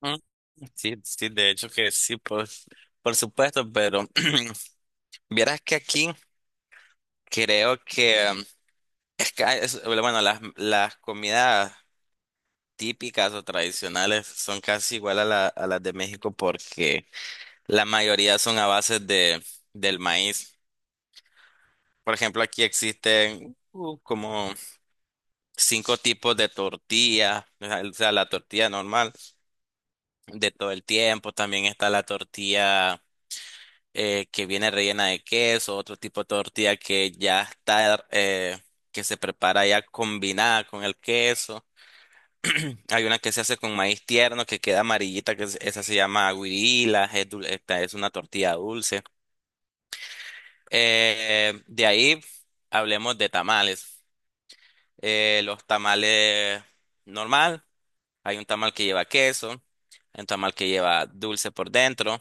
Mm, Sí, sí, de hecho que sí, por supuesto, pero vieras que aquí creo que es que bueno, las comidas típicas o tradicionales son casi igual a las de México porque la mayoría son a base del maíz. Por ejemplo, aquí existen como cinco tipos de tortilla, o sea, la tortilla normal de todo el tiempo, también está la tortilla que viene rellena de queso, otro tipo de tortilla que ya está, que se prepara ya combinada con el queso. Hay una que se hace con maíz tierno que queda amarillita, esa se llama guirila, esta es una tortilla dulce. De ahí hablemos de tamales. Los tamales normal, hay un tamal que lleva queso, hay un tamal que lleva dulce por dentro.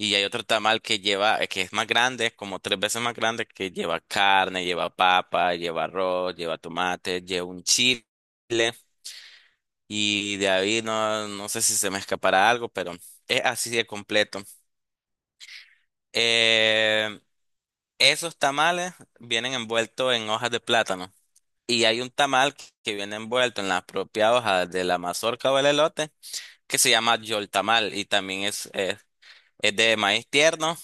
Y hay otro tamal que lleva, que es más grande, como tres veces más grande, que lleva carne, lleva papa, lleva arroz, lleva tomate, lleva un chile. Y de ahí no, no sé si se me escapará algo, pero es así de completo. Eh, esos tamales vienen envueltos en hojas de plátano. Y hay un tamal que viene envuelto en la propia hoja de la mazorca o el elote, que se llama yoltamal. Y también es de maíz tierno,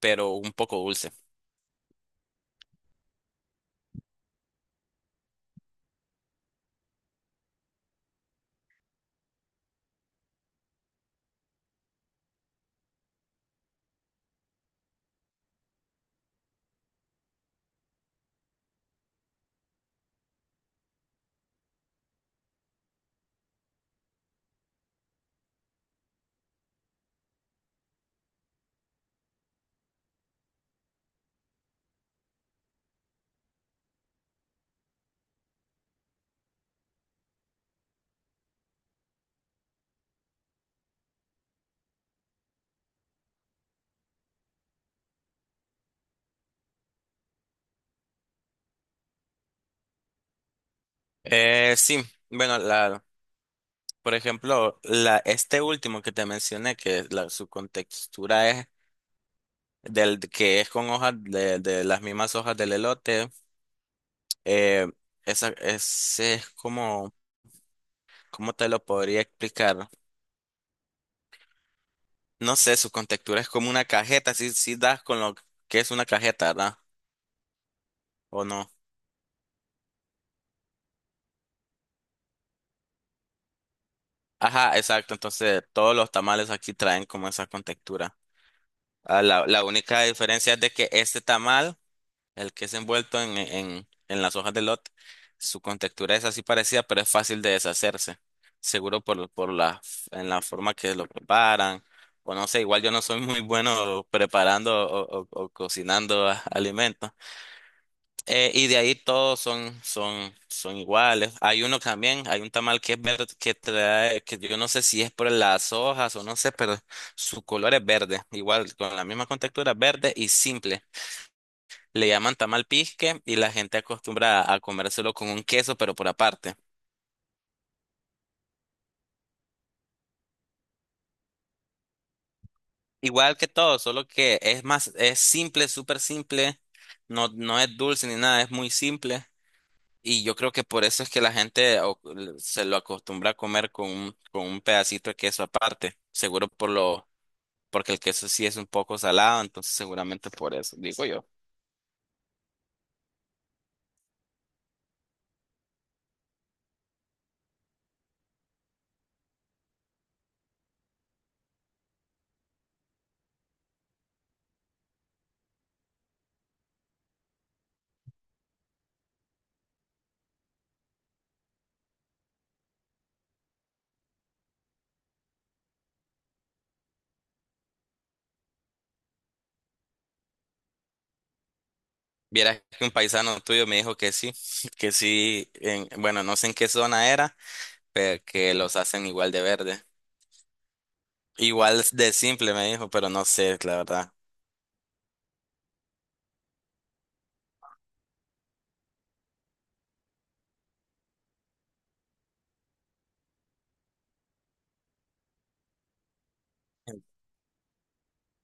pero un poco dulce. Sí, bueno, por ejemplo, este último que te mencioné, que su contextura es del que es con hojas de las mismas hojas del elote, eh, ese es como, ¿cómo te lo podría explicar? No sé, su contextura es como una cajeta, si das con lo que es una cajeta, ¿verdad? ¿O no? Ajá, exacto, entonces todos los tamales aquí traen como esa contextura. Ah, la única diferencia es de que este tamal. El que es envuelto en las hojas de lot, su contextura es así parecida, pero es fácil de deshacerse. Seguro en la forma que lo preparan. O no sé, igual yo no soy muy bueno preparando o cocinando alimentos. Y de ahí todos son iguales. Hay uno también, hay un tamal que es verde, que trae, que yo no sé si es por las hojas o no sé, pero su color es verde. Igual, con la misma contextura, verde y simple. Le llaman tamal pisque y la gente acostumbra a comérselo con un queso, pero por aparte. Igual que todo, solo que es más, es simple, súper simple. No, no es dulce ni nada, es muy simple. Y yo creo que por eso es que la gente se lo acostumbra a comer con un pedacito de queso aparte. Seguro porque el queso sí es un poco salado, entonces seguramente por eso, digo yo. Vieras que un paisano tuyo me dijo que sí, que sí, bueno, no sé en qué zona era, pero que los hacen igual de verde. Igual de simple me dijo, pero no sé, la verdad.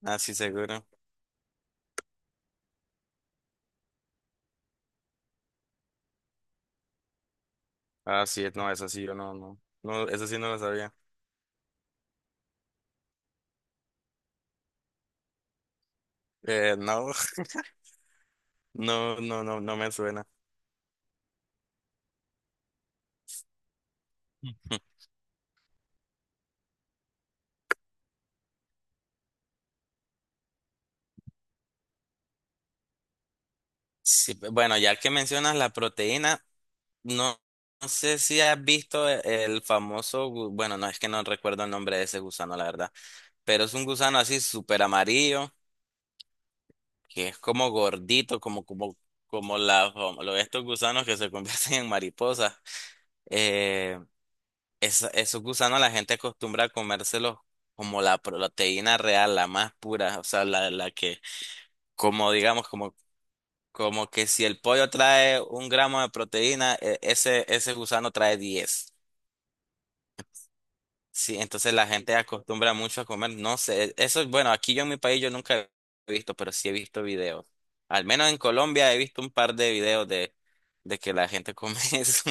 Ah, sí, seguro. Ah, sí, no, eso sí, yo no, no. No, eso sí no lo sabía. No, no, no, no, no me suena. Sí, bueno, ya que mencionas la proteína, no, no sé si has visto el famoso, bueno, no es que no recuerdo el nombre de ese gusano, la verdad, pero es un gusano así súper amarillo, que es como gordito, como, como, como la, como lo- estos gusanos que se convierten en mariposas. eh, esos gusanos la gente acostumbra a comérselos como la proteína real, la más pura, o sea, la que, como digamos, como que si el pollo trae un gramo de proteína, ese gusano trae 10. Sí, entonces la gente acostumbra mucho a comer, no sé, eso, bueno, aquí yo en mi país yo nunca he visto, pero sí he visto videos. Al menos en Colombia he visto un par de videos de que la gente come eso.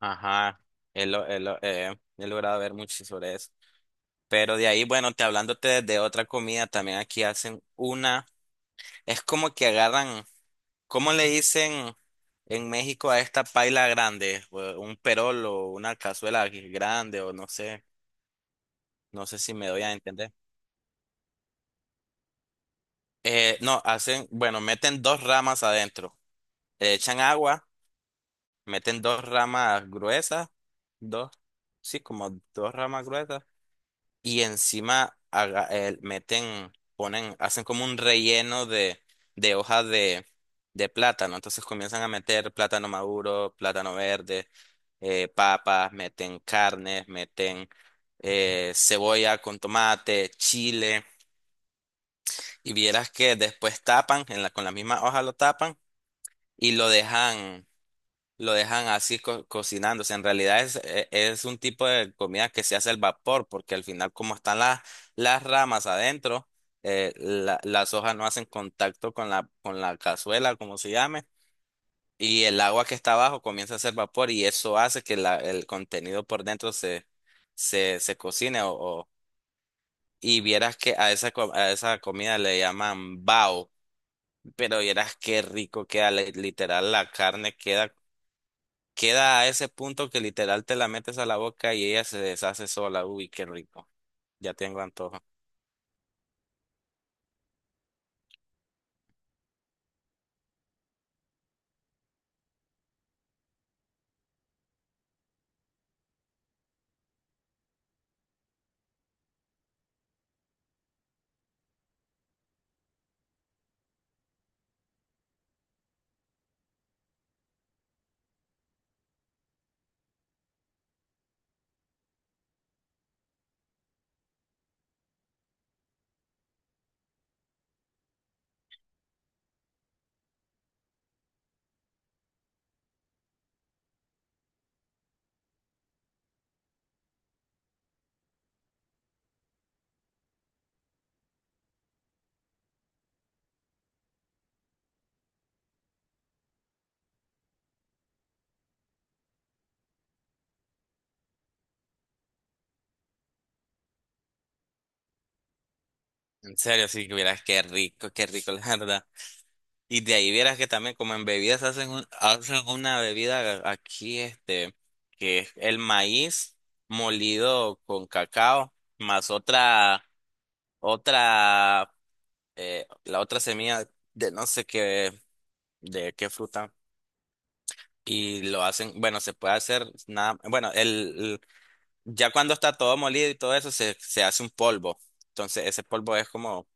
Ajá, he logrado ver mucho sobre eso. Pero de ahí, bueno, te hablándote de otra comida, también aquí hacen una, es como que agarran, ¿cómo le dicen en México a esta paila grande? O un perol o una cazuela grande o no sé, no sé si me doy a entender. No, hacen, bueno, meten dos ramas adentro, le echan agua, meten dos ramas gruesas, dos, sí, como dos ramas gruesas y encima meten, ponen, hacen como un relleno de hoja de plátano. Entonces comienzan a meter plátano maduro, plátano verde, papas, meten carnes, meten cebolla con tomate, chile. Y vieras que después tapan, con la misma hoja lo tapan y lo dejan así cocinándose. En realidad es un tipo de comida que se hace al vapor, porque al final como están las ramas adentro, las hojas no hacen contacto con con la cazuela, como se llame, y el agua que está abajo comienza a hacer vapor y eso hace que el contenido por dentro se cocine y vieras que a esa comida le llaman bao. Pero vieras qué rico queda, literal, la carne queda. Queda a ese punto que literal te la metes a la boca y ella se deshace sola. Uy, qué rico. Ya tengo antojo. En serio, sí que vieras qué rico, la verdad. Y de ahí vieras que también como en bebidas hacen una bebida aquí, este, que es el maíz molido con cacao, más otra, la otra semilla de no sé qué, de qué fruta. Y lo hacen, bueno, se puede hacer nada, bueno, ya cuando está todo molido y todo eso, se hace un polvo. Entonces, ese polvo es como,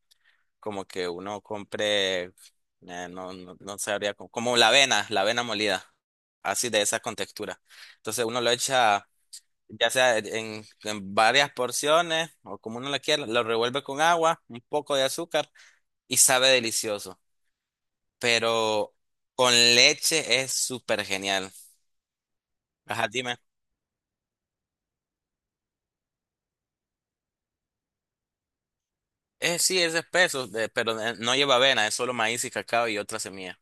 como que uno compre, no, no, no sabría, como la avena molida, así de esa con textura. Entonces, uno lo echa, ya sea en varias porciones o como uno lo quiera, lo revuelve con agua, un poco de azúcar y sabe delicioso. Pero con leche es súper genial. Ajá, dime. Sí, es espeso, pero no lleva avena, es solo maíz y cacao y otra semilla.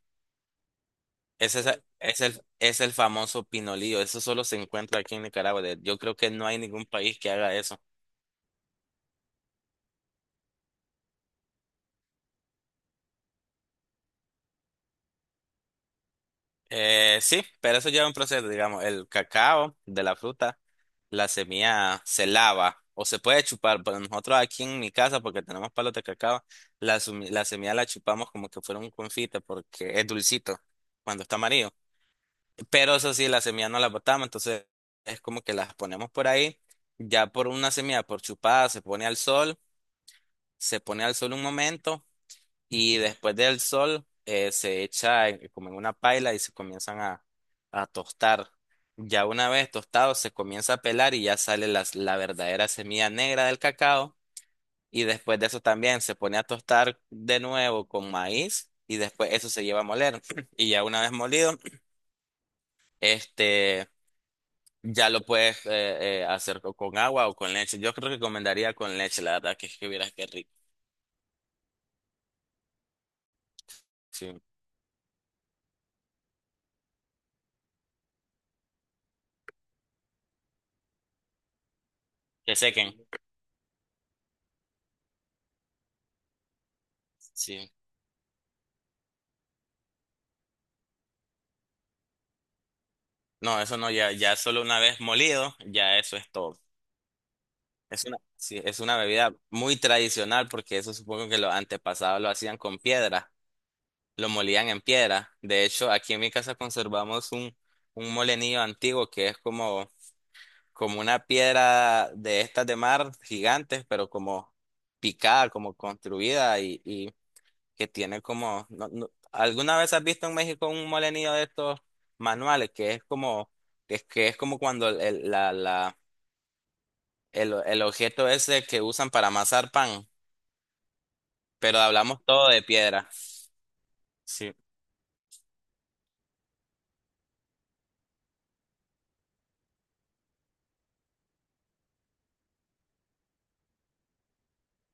Ese es el famoso pinolillo. Eso solo se encuentra aquí en Nicaragua. Yo creo que no hay ningún país que haga eso. Sí, pero eso lleva un proceso, digamos, el cacao de la fruta, la semilla se lava o se puede chupar, pero nosotros aquí en mi casa, porque tenemos palos de cacao, la semilla la chupamos como que fuera un confite porque es dulcito cuando está amarillo. Pero eso sí, la semilla no la botamos, entonces es como que las ponemos por ahí, ya por una semilla, por chupada, se pone al sol. Se pone al sol un momento y después del sol se echa como en una paila y se comienzan a tostar. Ya una vez tostado se comienza a pelar y ya sale la verdadera semilla negra del cacao y después de eso también se pone a tostar de nuevo con maíz y después eso se lleva a moler. Y ya una vez molido este ya lo puedes hacer con agua o con leche. Yo creo que recomendaría con leche, la verdad que es que vieras qué rico. Sí. Que sequen. Sí. No, eso no, ya, ya solo una vez molido, ya eso es todo. Es una bebida muy tradicional porque eso supongo que los antepasados lo hacían con piedra, lo molían en piedra. De hecho, aquí en mi casa conservamos un molenillo antiguo que es como, como una piedra de estas de mar gigantes, pero como picada, como construida y que tiene como. ¿Alguna vez has visto en México un molenillo de estos manuales que es como cuando el objeto ese que usan para amasar pan, pero hablamos todo de piedra? Sí.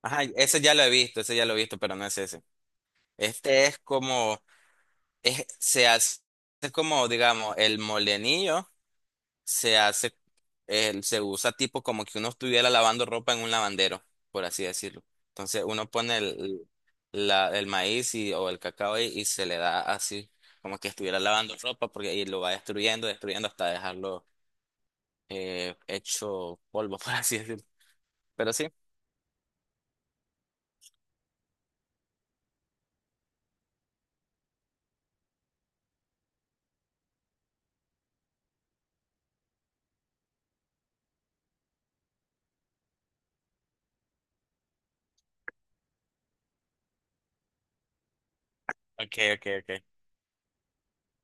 Ajá, ese ya lo he visto, ese ya lo he visto, pero no es ese. Este es como, es, se hace es como, digamos, el molenillo. Se hace, se usa tipo como que uno estuviera lavando ropa en un lavandero, por así decirlo. Entonces uno pone el maíz o el cacao ahí y se le da así, como que estuviera lavando ropa, porque ahí lo va destruyendo, destruyendo hasta dejarlo hecho polvo, por así decirlo. Pero sí. Ok, ok, ok.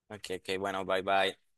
Ok, ok, bueno, bye bye.